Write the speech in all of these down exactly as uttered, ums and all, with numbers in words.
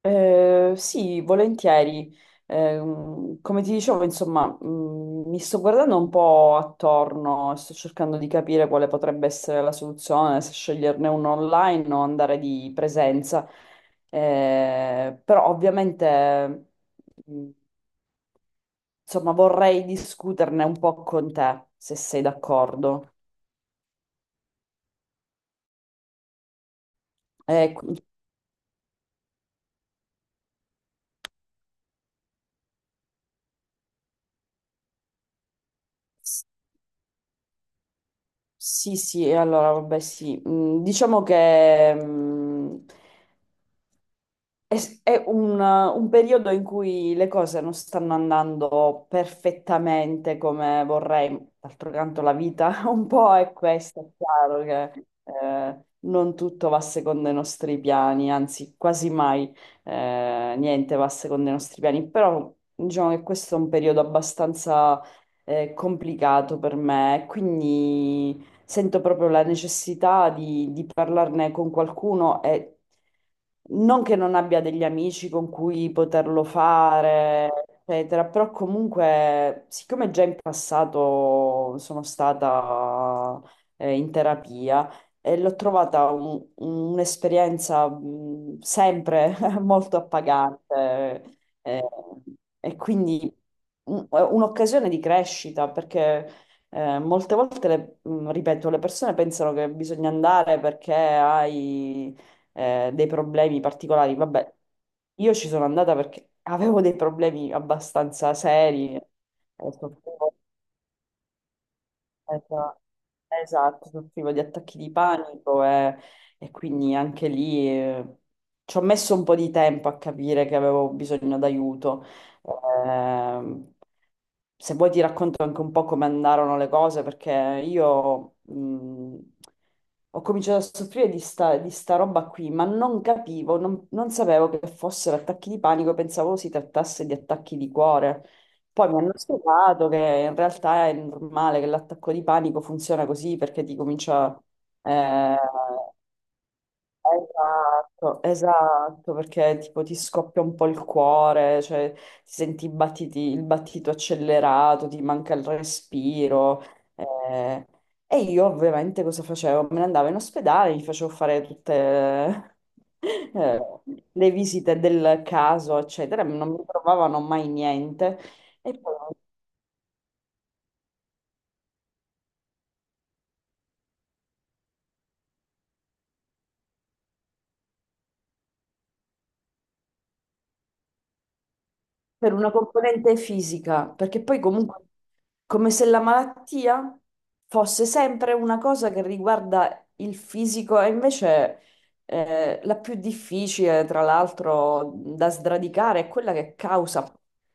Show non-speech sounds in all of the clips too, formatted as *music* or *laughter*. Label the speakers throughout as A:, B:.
A: Eh, sì, volentieri. Ehm, come ti dicevo, insomma, mh, mi sto guardando un po' attorno e sto cercando di capire quale potrebbe essere la soluzione, se sceglierne uno online o andare di presenza. Eh, però ovviamente, mh, insomma, vorrei discuterne un po' con te, se sei d'accordo. Eh, qu- s- sì, sì, allora vabbè, sì. Mm, Diciamo che mm, È, è un, un periodo in cui le cose non stanno andando perfettamente come vorrei. D'altro canto, la vita *laughs* un po' è questa, è chiaro che eh, non tutto va secondo i nostri piani, anzi, quasi mai eh, niente va secondo i nostri piani. Però diciamo che questo è un periodo abbastanza eh, complicato per me, quindi sento proprio la necessità di, di parlarne con qualcuno e non che non abbia degli amici con cui poterlo fare, eccetera, però comunque, siccome già in passato sono stata eh, in terapia, e l'ho trovata un- un'esperienza mh, sempre *laughs* molto appagante, eh, e quindi un- un'occasione di crescita perché eh, molte volte, le- mh, ripeto, le persone pensano che bisogna andare perché hai eh, dei problemi particolari. Vabbè, io ci sono andata perché avevo dei problemi abbastanza seri. eh, Esatto, esatto, sono privo di attacchi di panico e, e quindi anche lì eh, ci ho messo un po' di tempo a capire che avevo bisogno d'aiuto. Ehm, Se vuoi ti racconto anche un po' come andarono le cose, perché io mh, ho cominciato a soffrire di sta, di sta roba qui, ma non capivo, non, non sapevo che fossero attacchi di panico, pensavo si trattasse di attacchi di cuore. Poi mi hanno spiegato che in realtà è normale, che l'attacco di panico funziona così perché ti comincia... eh, esatto, esatto, perché tipo ti scoppia un po' il cuore, cioè ti senti i battiti- il battito accelerato, ti manca il respiro. eh. E io ovviamente cosa facevo? Me ne andavo in ospedale, mi facevo fare tutte... *laughs* eh, le visite del caso, eccetera, non mi trovavano mai niente. E poi per una componente fisica, perché poi comunque come se la malattia fosse sempre una cosa che riguarda il fisico e invece eh, la più difficile, tra l'altro, da sradicare è quella che causa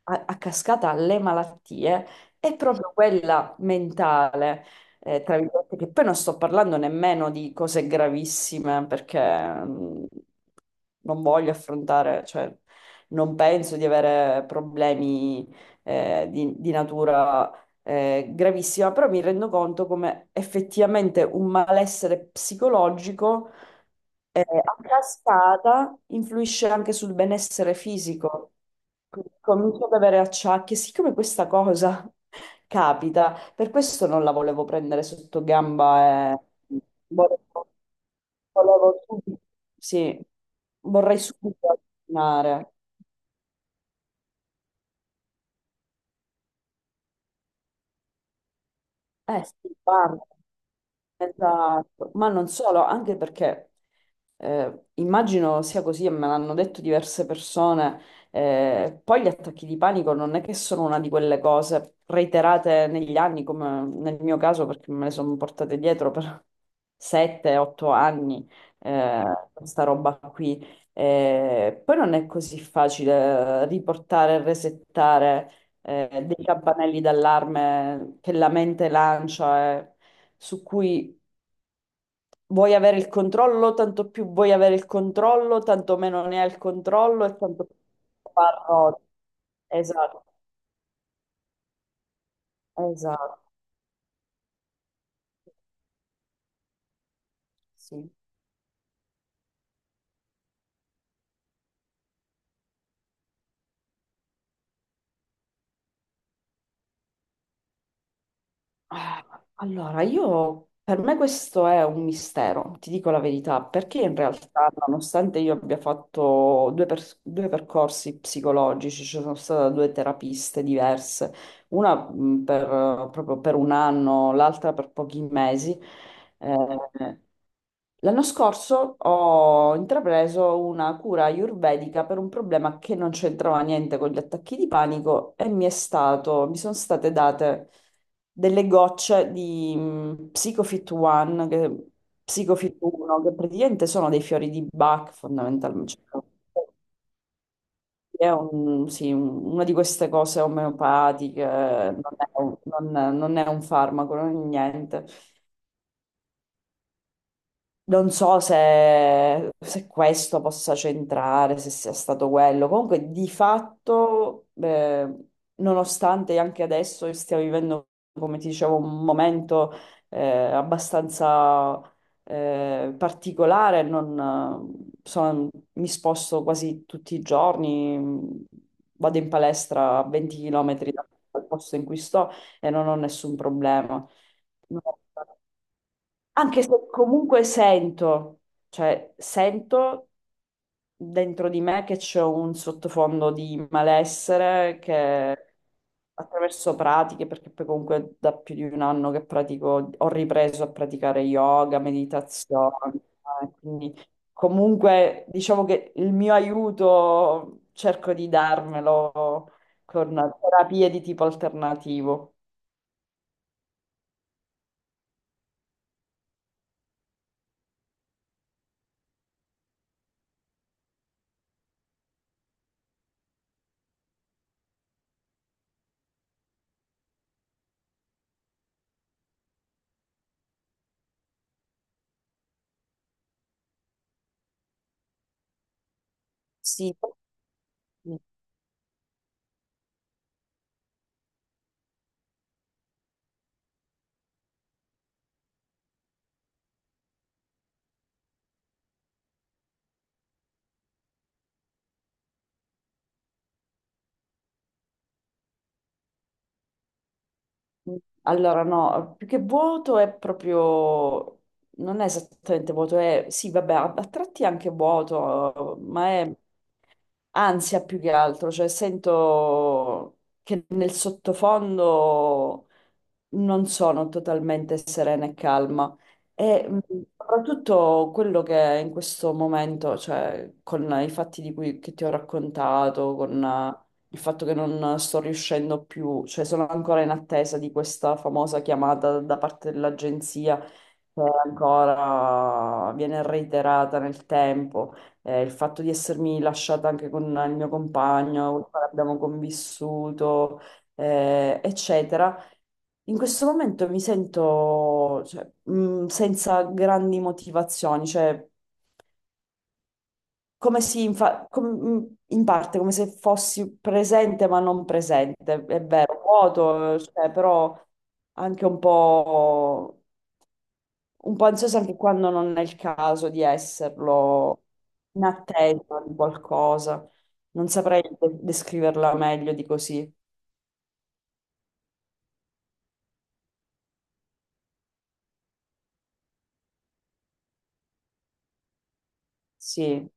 A: a, a cascata le malattie, è proprio quella mentale. eh, tra virgolette, che poi non sto parlando nemmeno di cose gravissime perché mm, non voglio affrontare, cioè, non penso di avere problemi eh, di, di natura eh, gravissima, però mi rendo conto come effettivamente un malessere psicologico eh, a cascata influisce anche sul benessere fisico. Quindi comincio ad avere acciacchi, siccome questa cosa *laughs* capita, per questo non la volevo prendere sotto gamba e volevo, volevo subito, sì, vorrei subito alternare. Eh sì, guarda, esatto, ma non solo, anche perché eh, immagino sia così e me l'hanno detto diverse persone, eh, poi gli attacchi di panico non è che sono una di quelle cose reiterate negli anni, come nel mio caso, perché me le sono portate dietro per sette otto anni, eh, questa roba qui. Eh, poi non è così facile riportare e resettare eh, dei campanelli d'allarme che la mente lancia, eh, su cui vuoi avere il controllo, tanto più vuoi avere il controllo, tanto meno ne hai il controllo e tanto più parroti. Esatto, esatto, sì. Ah, Allora, io per me questo è un mistero, ti dico la verità, perché in realtà, nonostante io abbia fatto due, pers- due percorsi psicologici, ci sono state due terapiste diverse, una mh, per, eh, proprio per un anno, l'altra per pochi mesi. eh, L'anno scorso ho intrapreso una cura ayurvedica per un problema che non c'entrava niente con gli attacchi di panico e mi è stato, mi sono state date delle gocce di mh, Psicofit One, che- Psicofit uno, che praticamente sono dei fiori di Bach fondamentalmente. Cioè, è un- sì, un- una di queste cose omeopatiche, non è un, non- non è un farmaco, non è niente. Non so se, se questo possa centrare, se sia stato quello. Comunque, di fatto, eh, nonostante anche adesso stiamo vivendo, come ti dicevo, un momento eh, abbastanza eh, particolare, non, eh, sono- mi sposto quasi tutti i giorni, mh, vado in palestra a venti chilometri dal dal posto in cui sto e non ho nessun problema. No. Anche se comunque sento, cioè sento dentro di me che c'è un sottofondo di malessere che attraverso pratiche, perché poi comunque da più di un anno che pratico, ho ripreso a praticare yoga, meditazione, eh, quindi comunque diciamo che il mio aiuto cerco di darmelo con terapie di tipo alternativo. Sì, allora, no, più che vuoto è proprio, non è esattamente vuoto, è, sì, vabbè, a a tratti è anche vuoto, ma è ansia più che altro, cioè sento che nel sottofondo non sono totalmente serena e calma. E mh, soprattutto quello che in questo momento, cioè con i fatti di cui che ti ho raccontato, con eh, il fatto che non sto riuscendo più, cioè sono ancora in attesa di questa famosa chiamata da parte dell'agenzia che ancora viene reiterata nel tempo, eh, il fatto di essermi lasciata anche con il mio compagno, con il quale abbiamo convissuto, eh, eccetera. In questo momento mi sento, cioè, mh, senza grandi motivazioni, cioè come si infa- com- mh, in parte come se fossi presente ma non presente, è vero, vuoto, eh, cioè, però anche un po' un po' ansiosa anche quando non è il caso di esserlo, in attesa di qualcosa. Non saprei de- descriverla meglio di così. Sì.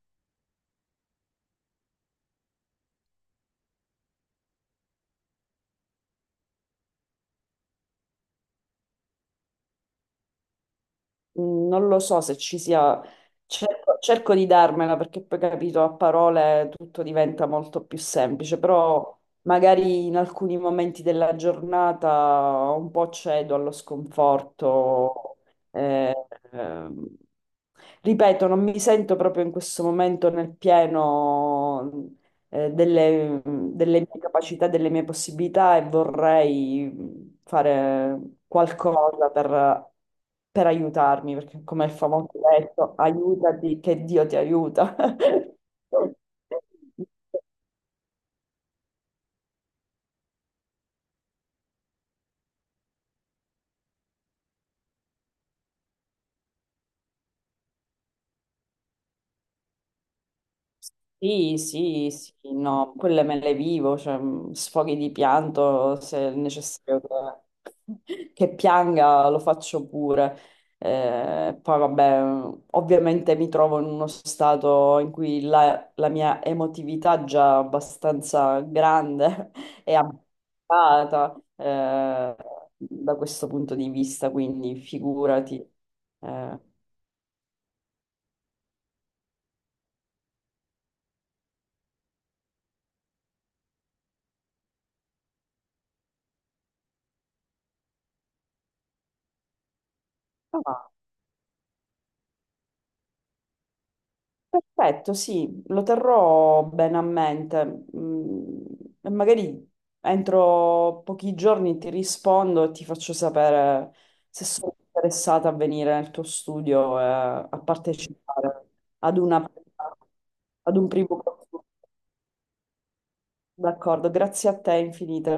A: Mm, Non lo so se ci sia, cerco, cerco di darmela perché poi capito, a parole tutto diventa molto più semplice, però magari in alcuni momenti della giornata un po' cedo allo sconforto. eh, ehm, Ripeto, non mi sento proprio in questo momento nel pieno, eh, delle, delle mie capacità, delle mie possibilità e vorrei fare qualcosa per, per aiutarmi, perché come il famoso detto, aiutati che Dio ti aiuta. *laughs* Sì, sì, sì, no, quelle me le vivo, cioè mh, sfoghi di pianto se è necessario, che *laughs* che pianga lo faccio pure. Eh, poi vabbè, mhmm, ovviamente mi trovo in uno stato in cui la, la mia emotività è già abbastanza grande *laughs* e abbassata eh, da questo punto di vista, quindi figurati. Eh, ah, Perfetto, sì, lo terrò bene a mente. Mm, e magari entro pochi giorni ti rispondo e ti faccio sapere se sono interessata a venire nel tuo studio e a partecipare ad una, ad un primo corso. D'accordo, grazie a te infinite.